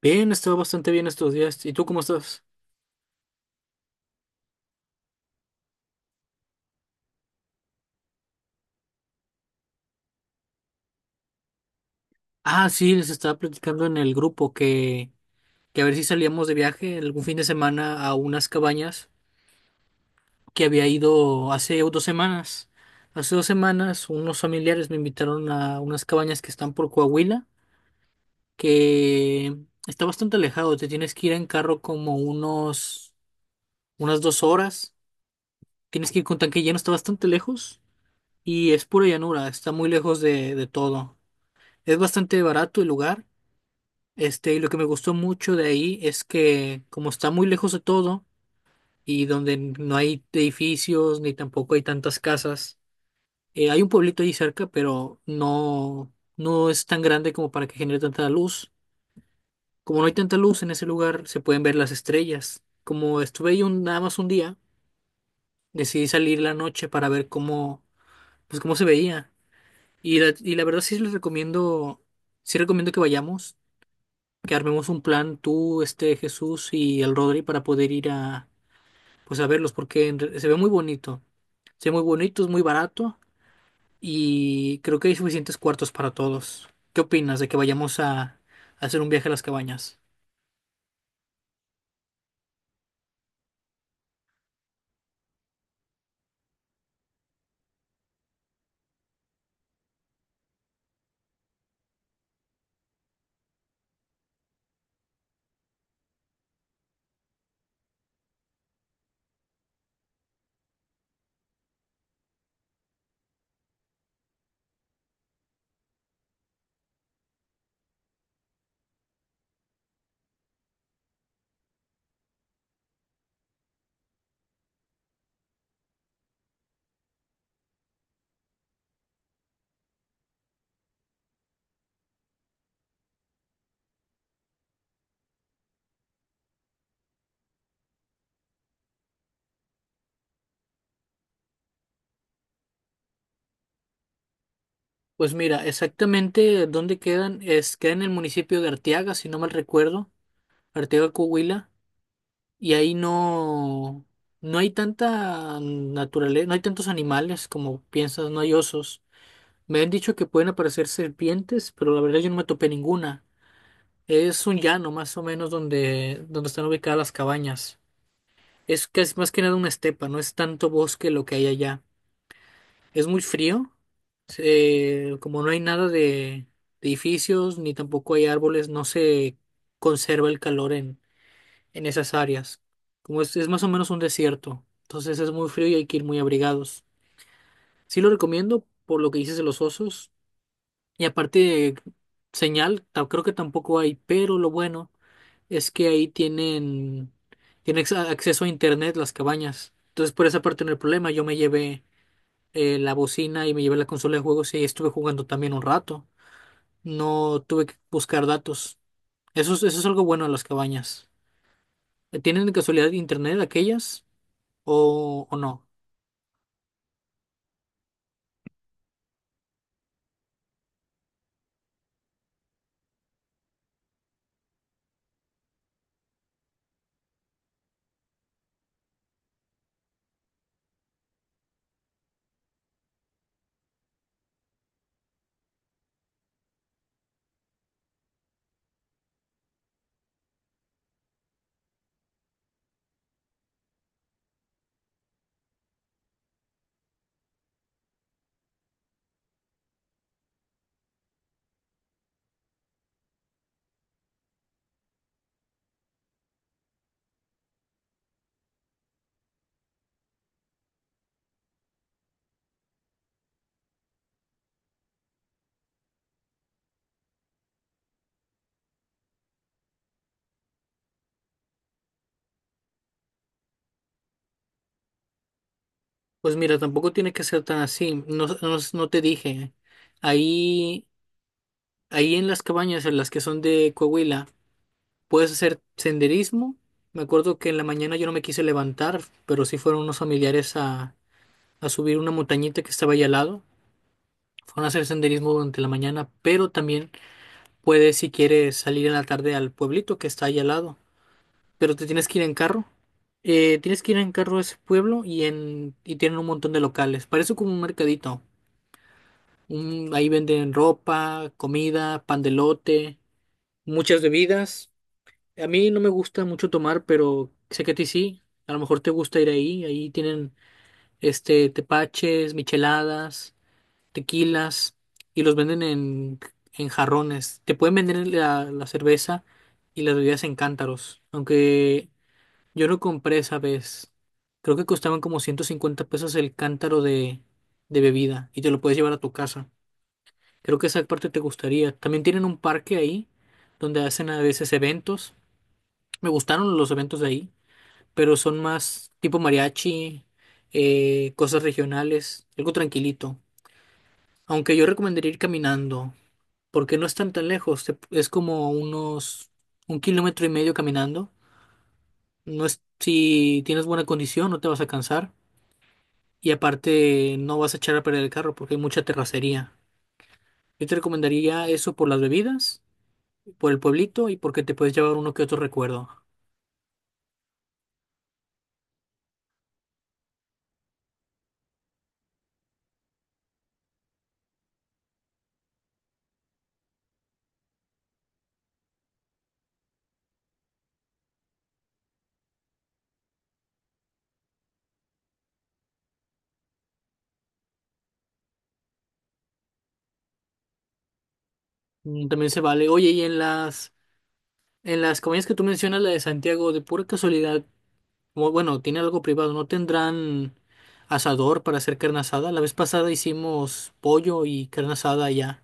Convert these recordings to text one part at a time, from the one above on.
Bien, he estado bastante bien estos días. ¿Y tú cómo estás? Ah, sí, les estaba platicando en el grupo que a ver si salíamos de viaje algún fin de semana a unas cabañas que había ido hace 2 semanas. Hace dos semanas unos familiares me invitaron a unas cabañas que están por Coahuila, que está bastante alejado. Te tienes que ir en carro como unas 2 horas. Tienes que ir con tanque lleno, está bastante lejos y es pura llanura, está muy lejos de todo. Es bastante barato el lugar. Y lo que me gustó mucho de ahí es que como está muy lejos de todo y donde no hay edificios ni tampoco hay tantas casas, hay un pueblito ahí cerca, pero no, no es tan grande como para que genere tanta luz. Como no hay tanta luz en ese lugar, se pueden ver las estrellas. Como estuve ahí nada más un día, decidí salir la noche para ver pues cómo se veía. Y la verdad sí les recomiendo, sí recomiendo que vayamos, que armemos un plan tú, Jesús y el Rodri, para poder ir a pues a verlos porque se ve muy bonito. Se ve muy bonito, es muy barato y creo que hay suficientes cuartos para todos. ¿Qué opinas de que vayamos a hacer un viaje a las cabañas? Pues mira, exactamente dónde quedan es queda en el municipio de Arteaga, si no mal recuerdo, Arteaga, Coahuila, y ahí no hay tanta naturaleza, no hay tantos animales como piensas, no hay osos. Me han dicho que pueden aparecer serpientes, pero la verdad yo no me topé ninguna. Es un llano más o menos donde están ubicadas las cabañas. Es casi más que nada una estepa, no es tanto bosque lo que hay allá. Es muy frío. Como no hay nada de edificios ni tampoco hay árboles, no se conserva el calor en esas áreas. Como es más o menos un desierto, entonces es muy frío y hay que ir muy abrigados. Sí lo recomiendo por lo que dices de los osos. Y aparte de señal, creo que tampoco hay, pero lo bueno es que ahí tienen acceso a internet las cabañas. Entonces por esa parte no hay problema. Yo me llevé la bocina y me llevé la consola de juegos y ahí estuve jugando también un rato. No tuve que buscar datos. Eso es algo bueno de las cabañas. ¿Tienen de casualidad internet aquellas o no? Pues mira, tampoco tiene que ser tan así. No, no, no te dije. Ahí Ahí en las cabañas, en las que son de Coahuila, puedes hacer senderismo. Me acuerdo que en la mañana yo no me quise levantar, pero sí fueron unos familiares a subir una montañita que estaba ahí al lado. Fueron a hacer senderismo durante la mañana, pero también puedes, si quieres, salir en la tarde al pueblito que está ahí al lado. Pero te tienes que ir en carro. Tienes que ir en carro a ese pueblo y tienen un montón de locales. Parece como un mercadito. Ahí venden ropa, comida, pan de elote, muchas bebidas. A mí no me gusta mucho tomar, pero sé que a ti sí. A lo mejor te gusta ir ahí. Ahí tienen tepaches, micheladas, tequilas y los venden en jarrones. Te pueden vender la cerveza y las bebidas en cántaros. Aunque yo no compré esa vez. Creo que costaban como 150 pesos el cántaro de bebida y te lo puedes llevar a tu casa. Creo que esa parte te gustaría. También tienen un parque ahí donde hacen a veces eventos. Me gustaron los eventos de ahí, pero son más tipo mariachi. Cosas regionales, algo tranquilito. Aunque yo recomendaría ir caminando, porque no están tan lejos, es como unos 1,5 km caminando. No es, si tienes buena condición, no te vas a cansar. Y aparte, no vas a echar a perder el carro porque hay mucha terracería. Yo te recomendaría eso por las bebidas, por el pueblito y porque te puedes llevar uno que otro recuerdo. Mm, también se vale. Oye, y en las comidas que tú mencionas, la de Santiago, de pura casualidad. Bueno, tiene algo privado, ¿no tendrán asador para hacer carne asada? La vez pasada hicimos pollo y carne asada allá.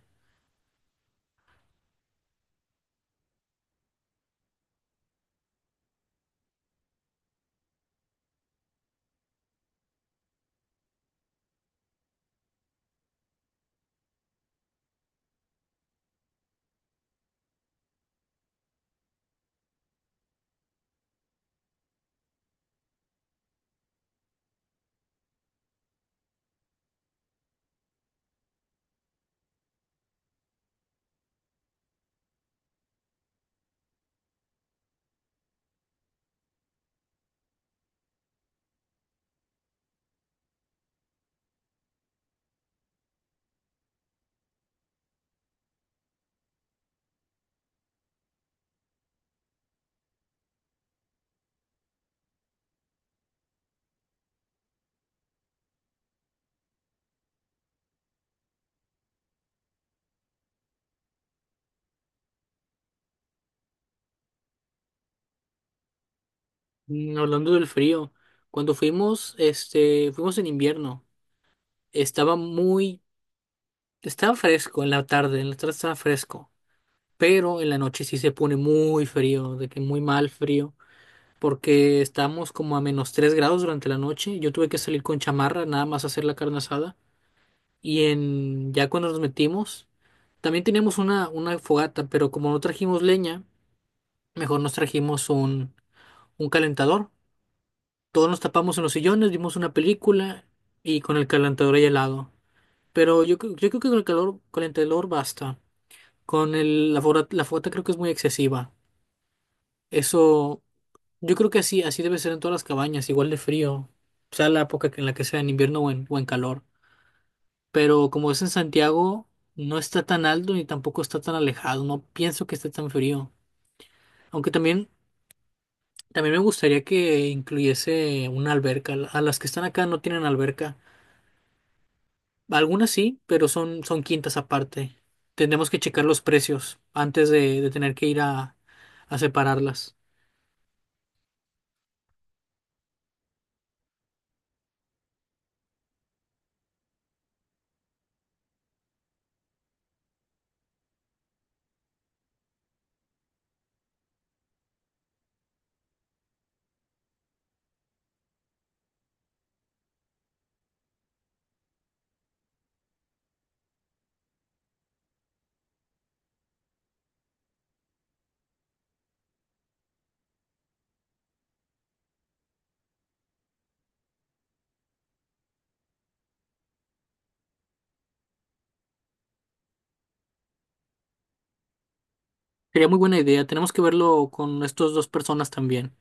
Mm, hablando del frío, cuando fuimos, fuimos en invierno. Estaba muy, Estaba fresco en la tarde estaba fresco, pero en la noche sí se pone muy frío, de que muy mal frío, porque estábamos como a -3 grados durante la noche. Yo tuve que salir con chamarra, nada más a hacer la carne asada. Ya cuando nos metimos, también teníamos una fogata, pero como no trajimos leña, mejor nos trajimos un calentador. Todos nos tapamos en los sillones, vimos una película y con el calentador hay helado. Pero yo creo que con el calentador basta. La fogata creo que es muy excesiva. Eso, yo creo que así debe ser en todas las cabañas, igual de frío, sea la época en la que sea, en invierno o en calor. Pero como es en Santiago, no está tan alto ni tampoco está tan alejado, no pienso que esté tan frío. Aunque también me gustaría que incluyese una alberca. A las que están acá no tienen alberca. Algunas sí, pero son quintas aparte. Tendremos que checar los precios antes de tener que ir a separarlas. Sería muy buena idea. Tenemos que verlo con estas dos personas también.